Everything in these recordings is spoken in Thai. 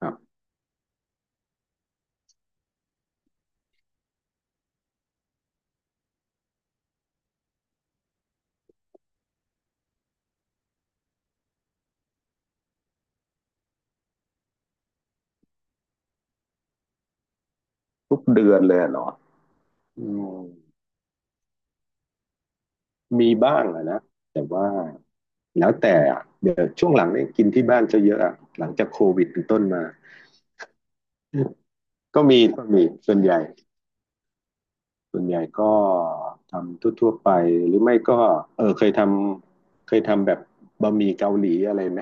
ครับทุกเดือนเลยเหรออืมมีบ้างอะนะ แต่ว่าแล้วแต่อะเดี๋ยวช่วงหลังเนี่ยกินที่บ้านจะเยอะอะ หลังจากโควิดเป็นต้นมาก็มีส่วนใหญ่ ส่วนใหญ่ก็ทำทั่วๆไป หรือไม่ก็เออเคยทเคยทำแบบบะหมี่เกาหลีอะไรไหม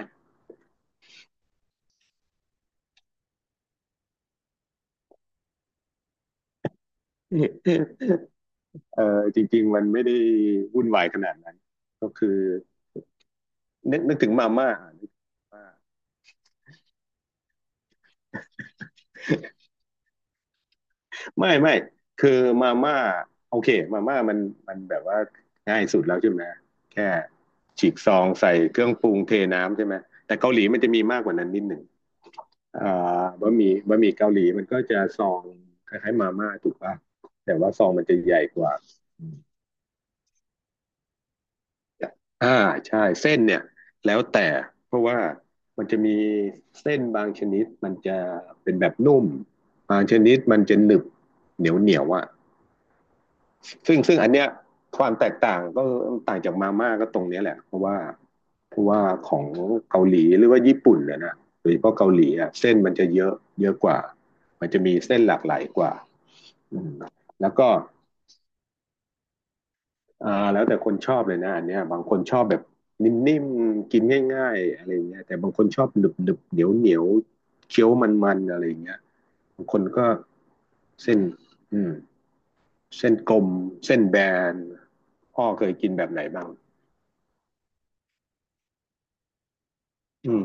เออจริงๆมันไม่ได้วุ่นวายขนาดนั้น ก็คือนึกถึงมาม่ากมาม่า ไม่ไม่คือมาม่าโอเคมาม่ามันแบบว่าง่ายสุดแล้วใช่ไหมแค่ฉีกซองใส่เครื่องปรุงเทน้ำใช่ไหมแต่เกาหลีมันจะมีมากกว่านั้นนิดหนึ่งอ่าบะหมี่เกาหลีมันก็จะซองคล้ายๆมาม่าถูกป่ะแต่ว่าซองมันจะใหญ่กว่าอ่าใช่เส้นเนี่ยแล้วแต่เพราะว่ามันจะมีเส้นบางชนิดมันจะเป็นแบบนุ่มบางชนิดมันจะหนึบเหนียวเหนียวอ่ะ ซึ่งอันเนี้ยความแตกต่างก็ต่างจากมาม่าก็ตรงนี้แหละเพราะว่าของเกาหลีหรือว่าญี่ปุ่นเนี่ยนะโดยเฉพาะเกาหลีอ่ะเส้นมันจะเยอะเยอะกว่ามันจะมีเส้นหลากหลายกว่าแล้วก็อ่าแล้วแต่คนชอบเลยนะอันเนี้ยบางคนชอบแบบนิ่มๆกินง่ายๆอะไรเงี้ยแต่บางคนชอบหนึบๆเหนียวเหนียวๆเคี้ยวมันๆอะไรเงี้ยบางคนก็เส้นอืมเส้นกลมเส้นแบนพ่อเคยกินแบบไหนบ้าง อืม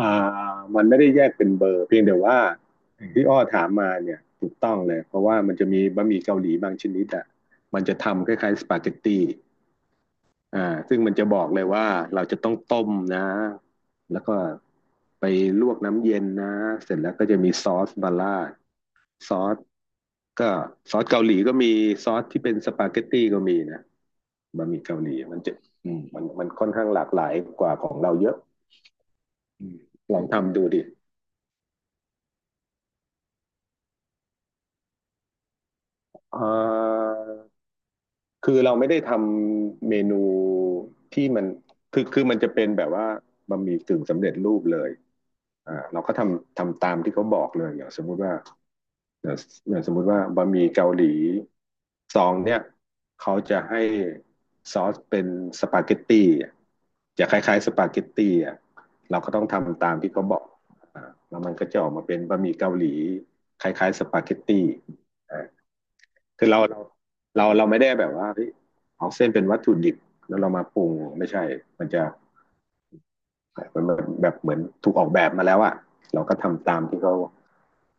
อ่ามันไม่ได้แยกเป็นเบอร์เพียงแต่ว่าอย่างที่อ้อถามมาเนี่ยถูกต้องเลยเพราะว่ามันจะมีบะหมี่เกาหลีบางชนิดอ่ะมันจะทำคล้ายๆสปาเกตตี้อ่าซึ่งมันจะบอกเลยว่าเราจะต้องต้มนะแล้วก็ไปลวกน้ำเย็นนะเสร็จแล้วก็จะมีซอสบาร่าดซอสก็ซอสเกาหลีก็มีซอสที่เป็นสปาเกตตี้ก็มีนะบะหมี่เกาหลีมันจะมันค่อนข้างหลากหลายกว่าของเราเยอะอืมลองทำดูดิ เอ่อคือเราไม่ได้ทำเมนูที่มันคือมันจะเป็นแบบว่าบะหมี่กึ่งสำเร็จรูปเลยอ่าเราก็ทำตามที่เขาบอกเลยอย่างสมมุติว่าอย่างอย่างสมมุติว่าบะหมี่เกาหลีซองเนี่ยเขาจะให้ซอสเป็นสปาเกตตี้อ่ะจะคล้ายๆสปาเกตตี้อ่ะเราก็ต้องทำตามที่เขาบอกอ่าแล้วมันก็จะออกมาเป็นบะหมี่เกาหลีคล้ายๆสปาเกตตี้ คือเราไม่ได้แบบว่าเฮ้ยเอาเส้นเป็นวัตถุดิบแล้วเรามาปรุงไม่ใช่ มันจะมันแบบเหมือนถูกออกแบบมาแล้วอะเราก็ทำตามที่เขา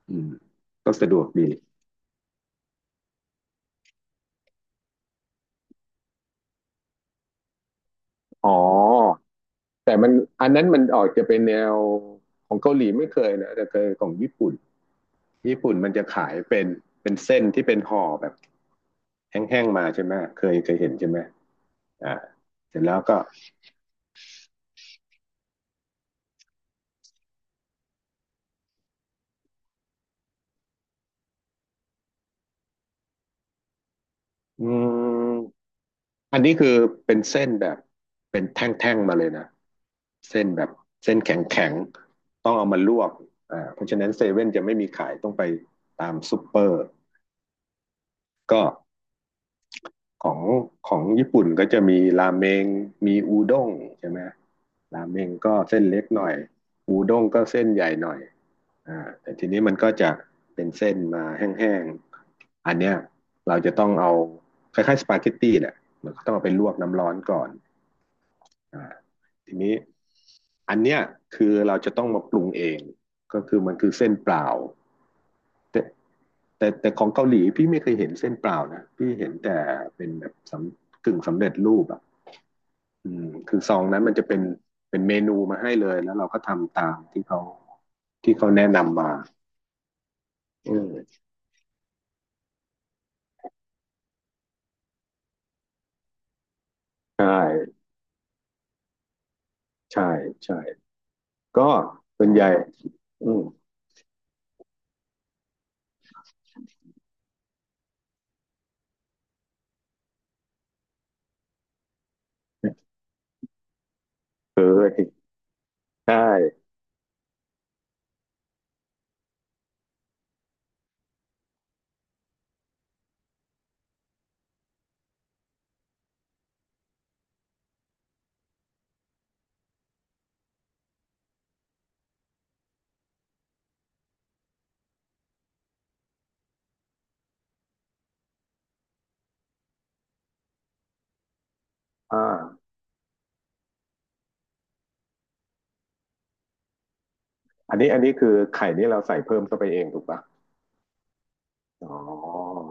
อืมก็สะดวกดีอ๋อแต่มันอันนั้นมันออกจะเป็นแนวของเกาหลีไม่เคยนะแต่เคยของญี่ปุ่นญี่ปุ่นมันจะขายเป็นเส้นที่เป็นห่อแบบแห้งๆมาใช่ไหมเคยเห็นใช่ไหมอ่าเสร็จแล้วก็อืม อันนี้คือเป็นเส้นแบบเป็นแท่งๆมาเลยนะเส้นแบบเส้นแข็งๆต้องเอามาลวกอ่าเพราะฉะนั้นเซเว่นจะไม่มีขายต้องไปตามซูเปอร์ก็ของของญี่ปุ่นก็จะมีราเมงมีอูด้งใช่ไหมราเมงก็เส้นเล็กหน่อยอูด้งก็เส้นใหญ่หน่อยอ่าแต่ทีนี้มันก็จะเป็นเส้นมาแห้งๆอันเนี้ยเราจะต้องเอาคล้ายๆสปาเกตตี้แหละมันก็ต้องเอาไปลวกน้ำร้อนก่อน อ่าทีนี้อันเนี้ยคือเราจะต้องมาปรุงเองก็คือมันคือเส้นเปล่าแต่ของเกาหลีพี่ไม่เคยเห็นเส้นเปล่านะพี่เห็นแต่เป็นแบบกึ่งสำเร็จรูปอ่ะอืมคือซองนั้นมันจะเป็นเมนูมาให้เลยแล้วเราก็ทำตามที่เขาแนะนำมาอืมใช่ใช่ใช่ก็ส่วนใหญ่อืมเคยใช่อ่าอันนี้คือไข่นี่เราใส่เพิ่มเข้าไปเองถูกปะ อ๋อ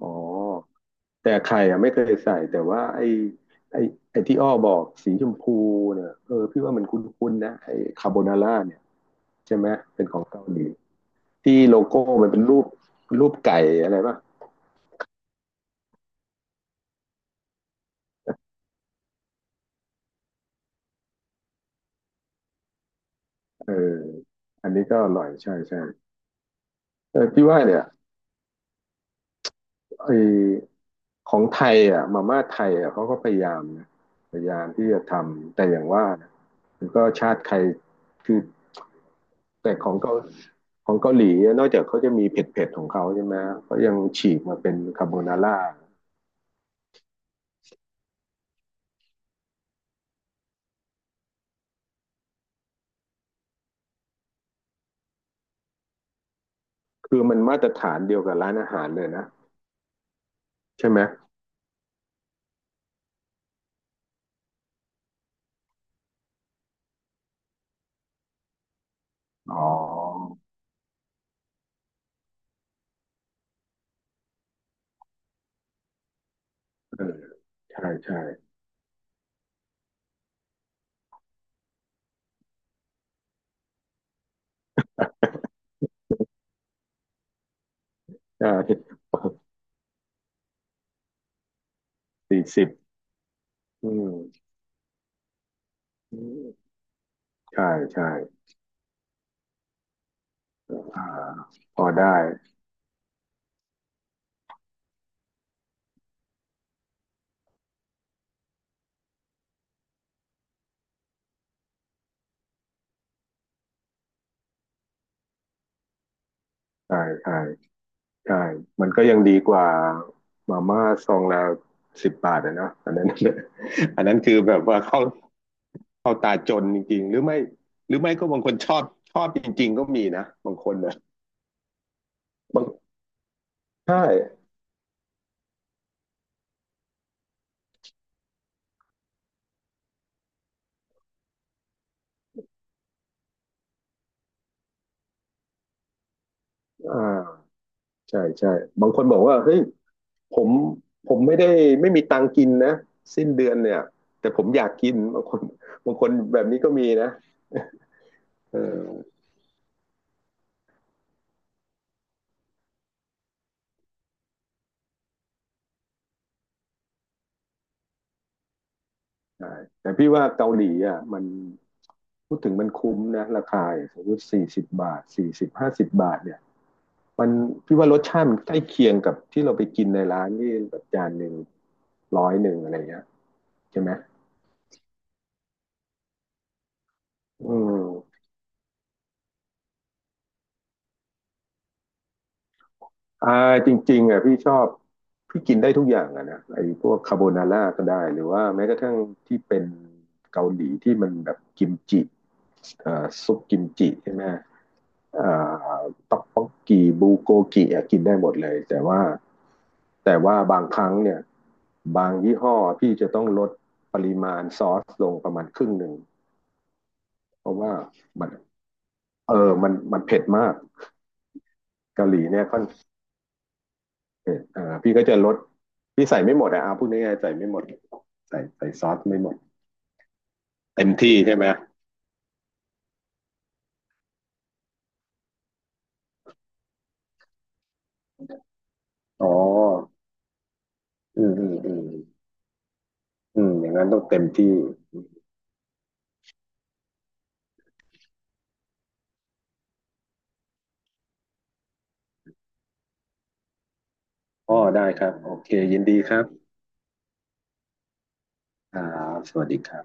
อ๋อ แต่ไข่อะไม่เคยใส่แต่ว่าไอ้ไอ้ที่อ้อบอกสีชมพูเนี่ยเออพี่ว่ามันคุ้นๆนะไอ้คาโบนาร่าเนี่ยใช่ไหมเป็นของเกาหลีที่โลโก้มันเป็นรูปไก่อะไรป่ะเอออันนี้ก็อร่อยใช่ใช่เออพี่ว่าเนี่ย ไอของไทยอ่ะมาม่าไทยอ่ะเขาก็พยายามนะพยายามที่จะทำแต่อย่างว่านะมันก็ชาติใครคือแต่ของเกาหลีอะนอกจากเขาจะมีเผ็ดๆของเขาใช่ไหมเขายังฉีกมาเป็นคาโบนาร่าคือมันมาตรฐานเดียวกับร้านอาหารเลยนะใช่ไหมอ๋อเออใช่ใช่ใช่สี่สิบอืมใช่ใช่อ่าพอได้ใช่ใช่ ใช่มันก็ยังดีกว่ามาม่าซองละสิบบาทอะเนาะอันนั้น อันนั้นคือแบบว่า เข้าตาจนจริงๆหรือไม่หรือไม่ก็บางคนชอบจริงๆก็มีนะบางคนนะบางใช่อ่าใช่ใช่บางคนบอกว่าเฮ้ยผมผมไม่ได้ไม่มีตังค์กินนะสิ้นเดือนเนี่ยแต่ผมอยากกินบางคนแบบนี้ก็มีนะเออใช่แต่พี่ว่าเกาหลีอ่ะมัน พูดถึงมันคุ้มนะราคายสมมติสี่สิบบาทสี่สิบห้าสิบบาทเนี่ยมันพี่ว่ารสชาติมันใกล้เคียงกับที่เราไปกินในร้านที่แบบจานหนึ่งร้อยหนึ่งอะไรเงี้ยใช่ไหมอืมอ่าจริงๆอ่ะพี่ชอบพี่กินได้ทุกอย่างอ่ะนะไอ้พวกคาโบนาร่าก็ได้หรือว่าแม้กระทั่งที่เป็นเกาหลีที่มันแบบกิมจิซุปกิมจิใช่ไหมเอ่อต๊อกบกกีบูโกกิอะกินได้หมดเลยแต่ว่า แต่ว่าบางครั้งเนี่ยบางยี่ห้อพี่จะต้องลดปริมาณซอสลงประมาณครึ่งหนึ่งเพราะว่ามันเออมันมันเผ็ดมากเกาหลีเนี่ยค่อนเผ็ดอ่าพี่ก็จะลดพี่ใส่ไม่หมดอะอาพูดง่ายๆใส่ไม่หมดใส่ซอสไม่หมดเต็มที่ใช่ไหมอ๋ออืมอืมอืมอืมอย่างนั้นต้องเต็มที่อ๋อได้ครับโอเคยินดีครับอ่าสวัสดีครับ